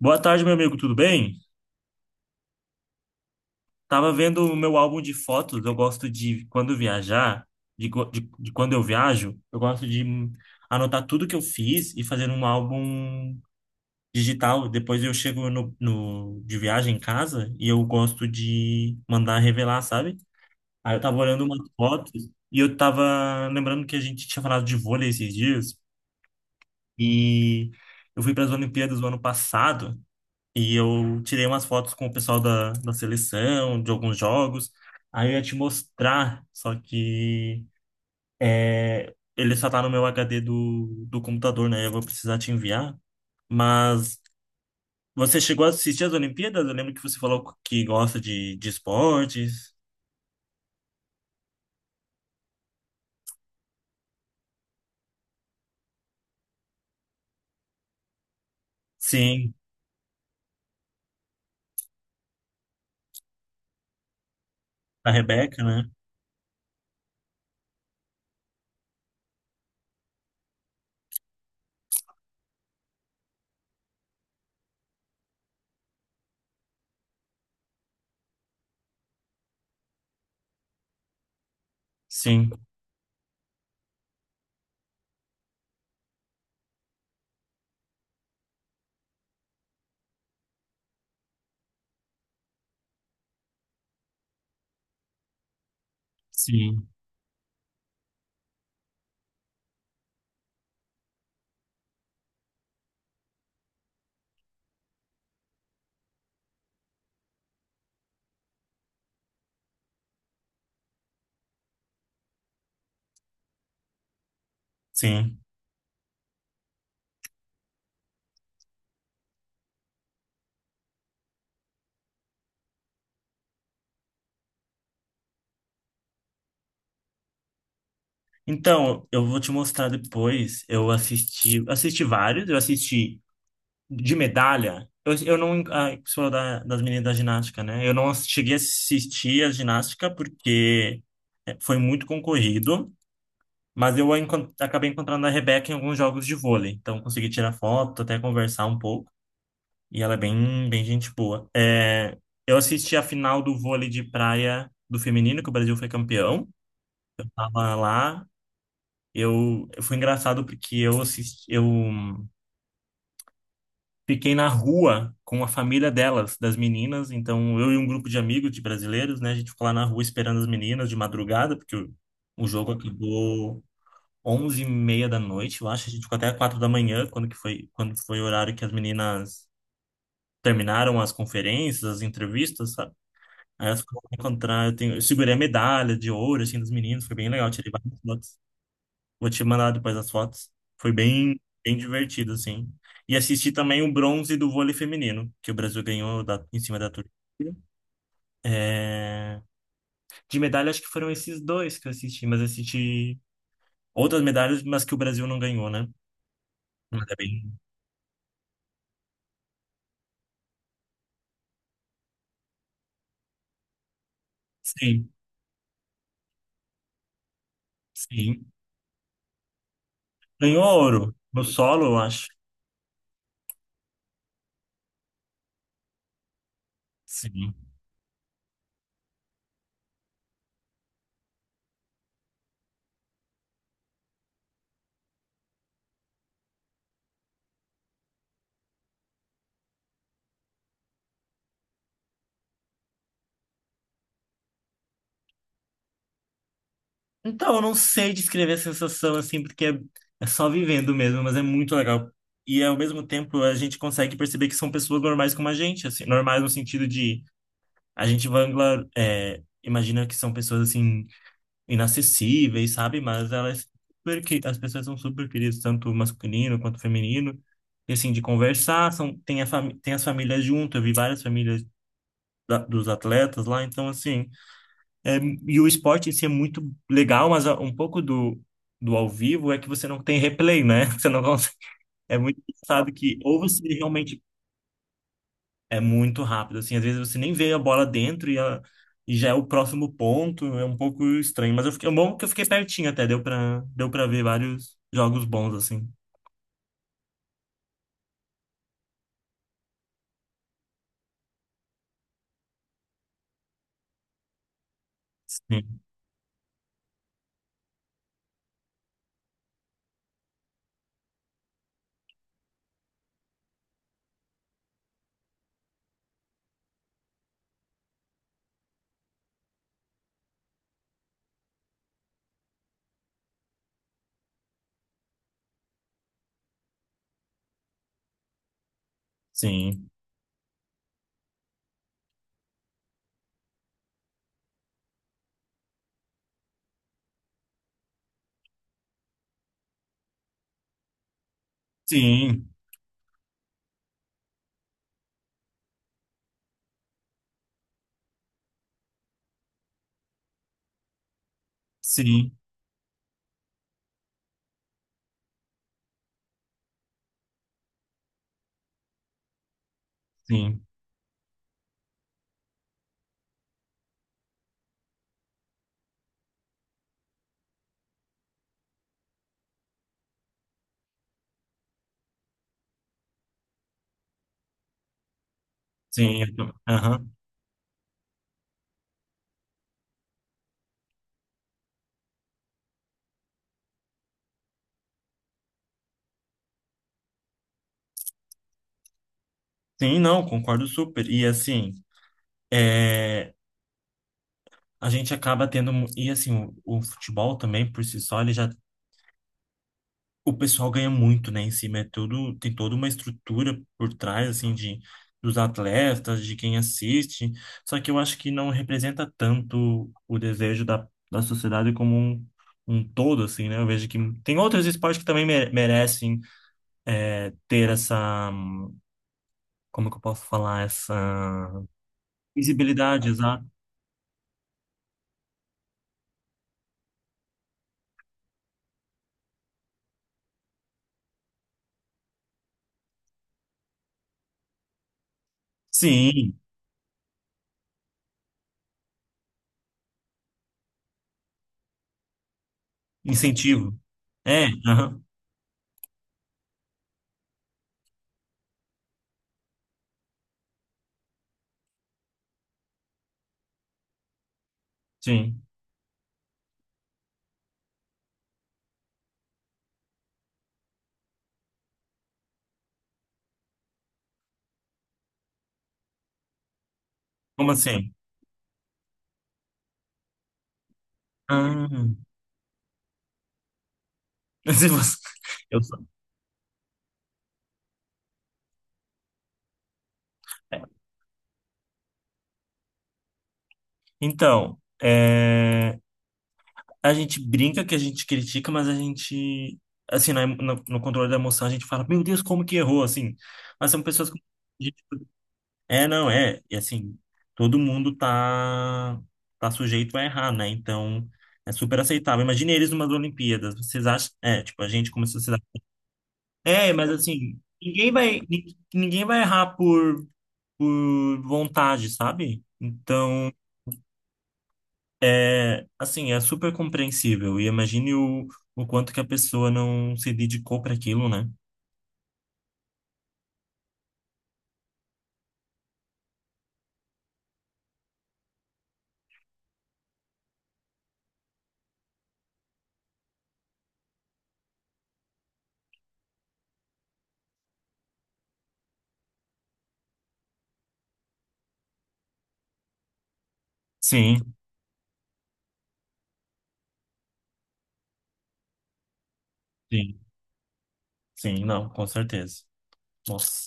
Boa tarde, meu amigo, tudo bem? Tava vendo o meu álbum de fotos. Eu gosto de, quando viajar, de quando eu viajo, eu gosto de anotar tudo que eu fiz e fazer um álbum digital. Depois eu chego de viagem em casa e eu gosto de mandar revelar, sabe? Aí eu tava olhando umas fotos e eu tava lembrando que a gente tinha falado de vôlei esses dias e eu fui para as Olimpíadas do ano passado. E eu tirei umas fotos com o pessoal da seleção, de alguns jogos. Aí eu ia te mostrar, só que é, ele só tá no meu HD do computador, né? Eu vou precisar te enviar. Mas você chegou a assistir as Olimpíadas? Eu lembro que você falou que gosta de esportes. Sim, a Rebeca, né? Sim, sim, sim. Então, eu vou te mostrar depois. Eu assisti, assisti vários. Eu assisti de medalha, eu não. Ah, sou das meninas da ginástica, né? Eu não cheguei a assistir a ginástica porque é, foi muito concorrido, mas eu acabei encontrando a Rebeca em alguns jogos de vôlei. Então consegui tirar foto, até conversar um pouco. E ela é bem, bem gente boa. É, eu assisti a final do vôlei de praia do feminino, que o Brasil foi campeão. Tava lá. Eu, foi engraçado porque eu fiquei na rua com a família delas, das meninas. Então, eu e um grupo de amigos de brasileiros, né? A gente ficou lá na rua esperando as meninas de madrugada, porque o jogo acabou 11h30 da noite, eu acho. A gente ficou até 4 da manhã, quando foi o horário que as meninas terminaram as conferências, as entrevistas, sabe? Aí elas foram encontrar. Eu segurei a medalha de ouro, assim, dos meninos. Foi bem legal, tirei várias fotos. Vou te mandar depois as fotos. Foi bem, bem divertido, assim. E assisti também o bronze do vôlei feminino, que o Brasil ganhou em cima da Turquia. É, de medalha, acho que foram esses dois que eu assisti, mas assisti outras medalhas, mas que o Brasil não ganhou, né? Mas é bem. Sim, sim. Ganhou ouro. No solo, eu acho. Sim. Então, eu não sei descrever a sensação assim, porque é só vivendo mesmo, mas é muito legal. E ao mesmo tempo, a gente consegue perceber que são pessoas normais como a gente, assim, normais no sentido de é, imagina que são pessoas assim inacessíveis, sabe? Mas elas super, as pessoas são super queridas, tanto masculino quanto feminino. E assim, de conversar, são, tem as famílias junto, eu vi várias famílias dos atletas lá, então assim, é, e o esporte em si é muito legal, mas um pouco do, do ao vivo é que você não tem replay, né? Você não consegue. É muito engraçado que ou você realmente é muito rápido, assim, às vezes você nem vê a bola dentro e já é o próximo ponto, é um pouco estranho. Mas eu fiquei, é bom que eu fiquei pertinho até, deu pra ver vários jogos bons, assim. Sim, sim, sim, sim, sim, sim. Aham. Sim, não, concordo super. E assim. É, a gente acaba tendo. E assim, o futebol também, por si só, ele já. O pessoal ganha muito, né, em cima. É tudo, tem toda uma estrutura por trás, assim, de, dos atletas, de quem assiste. Só que eu acho que não representa tanto o desejo da sociedade como um todo, assim, né? Eu vejo que tem outros esportes que também merecem é, ter essa. Como que eu posso falar? Essa visibilidade, exato. Sim, incentivo. É, aham, sim. Como assim? Ah. Se você- Eu sou. É. Então, é, a gente brinca que a gente critica, mas a gente, assim, no controle da emoção, a gente fala, meu Deus, como que errou, assim. Mas são pessoas que... É, não, é. E assim, todo mundo tá, tá sujeito a errar, né? Então, é super aceitável. Imagine eles numas Olimpíadas. Vocês acham... É, tipo, a gente como sociedade... É, mas assim, ninguém vai errar por vontade, sabe? Então... É, assim, é super compreensível. E imagine o quanto que a pessoa não se dedicou para aquilo, né? Sim, sim, sim, não, com certeza. Nossa.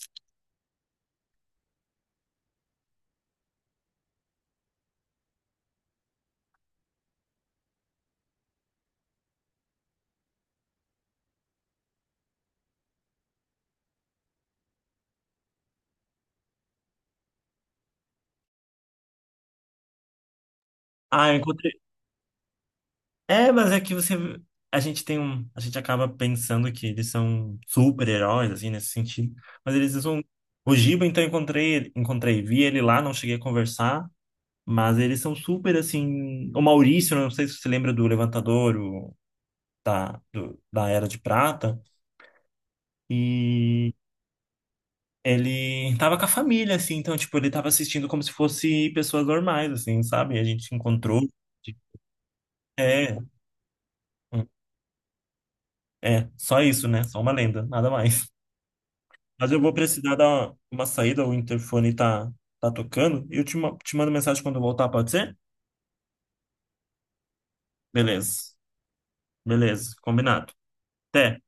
Ah, eu encontrei. É, mas é que você. A gente tem um. A gente acaba pensando que eles são super-heróis, assim, nesse sentido. Mas eles são. O Giba, então, eu encontrei, encontrei, vi ele lá, não cheguei a conversar. Mas eles são super, assim. O Maurício, não sei se você lembra do Levantador, o, da Era de Prata. E ele tava com a família, assim, então, tipo, ele tava assistindo como se fosse pessoas normais, assim, sabe? A gente encontrou. É, hum, é, só isso, né? Só uma lenda, nada mais. Mas eu vou precisar dar uma saída, o interfone tá, tá tocando, e eu te, te mando mensagem quando eu voltar, pode ser? Beleza, beleza, combinado. Até.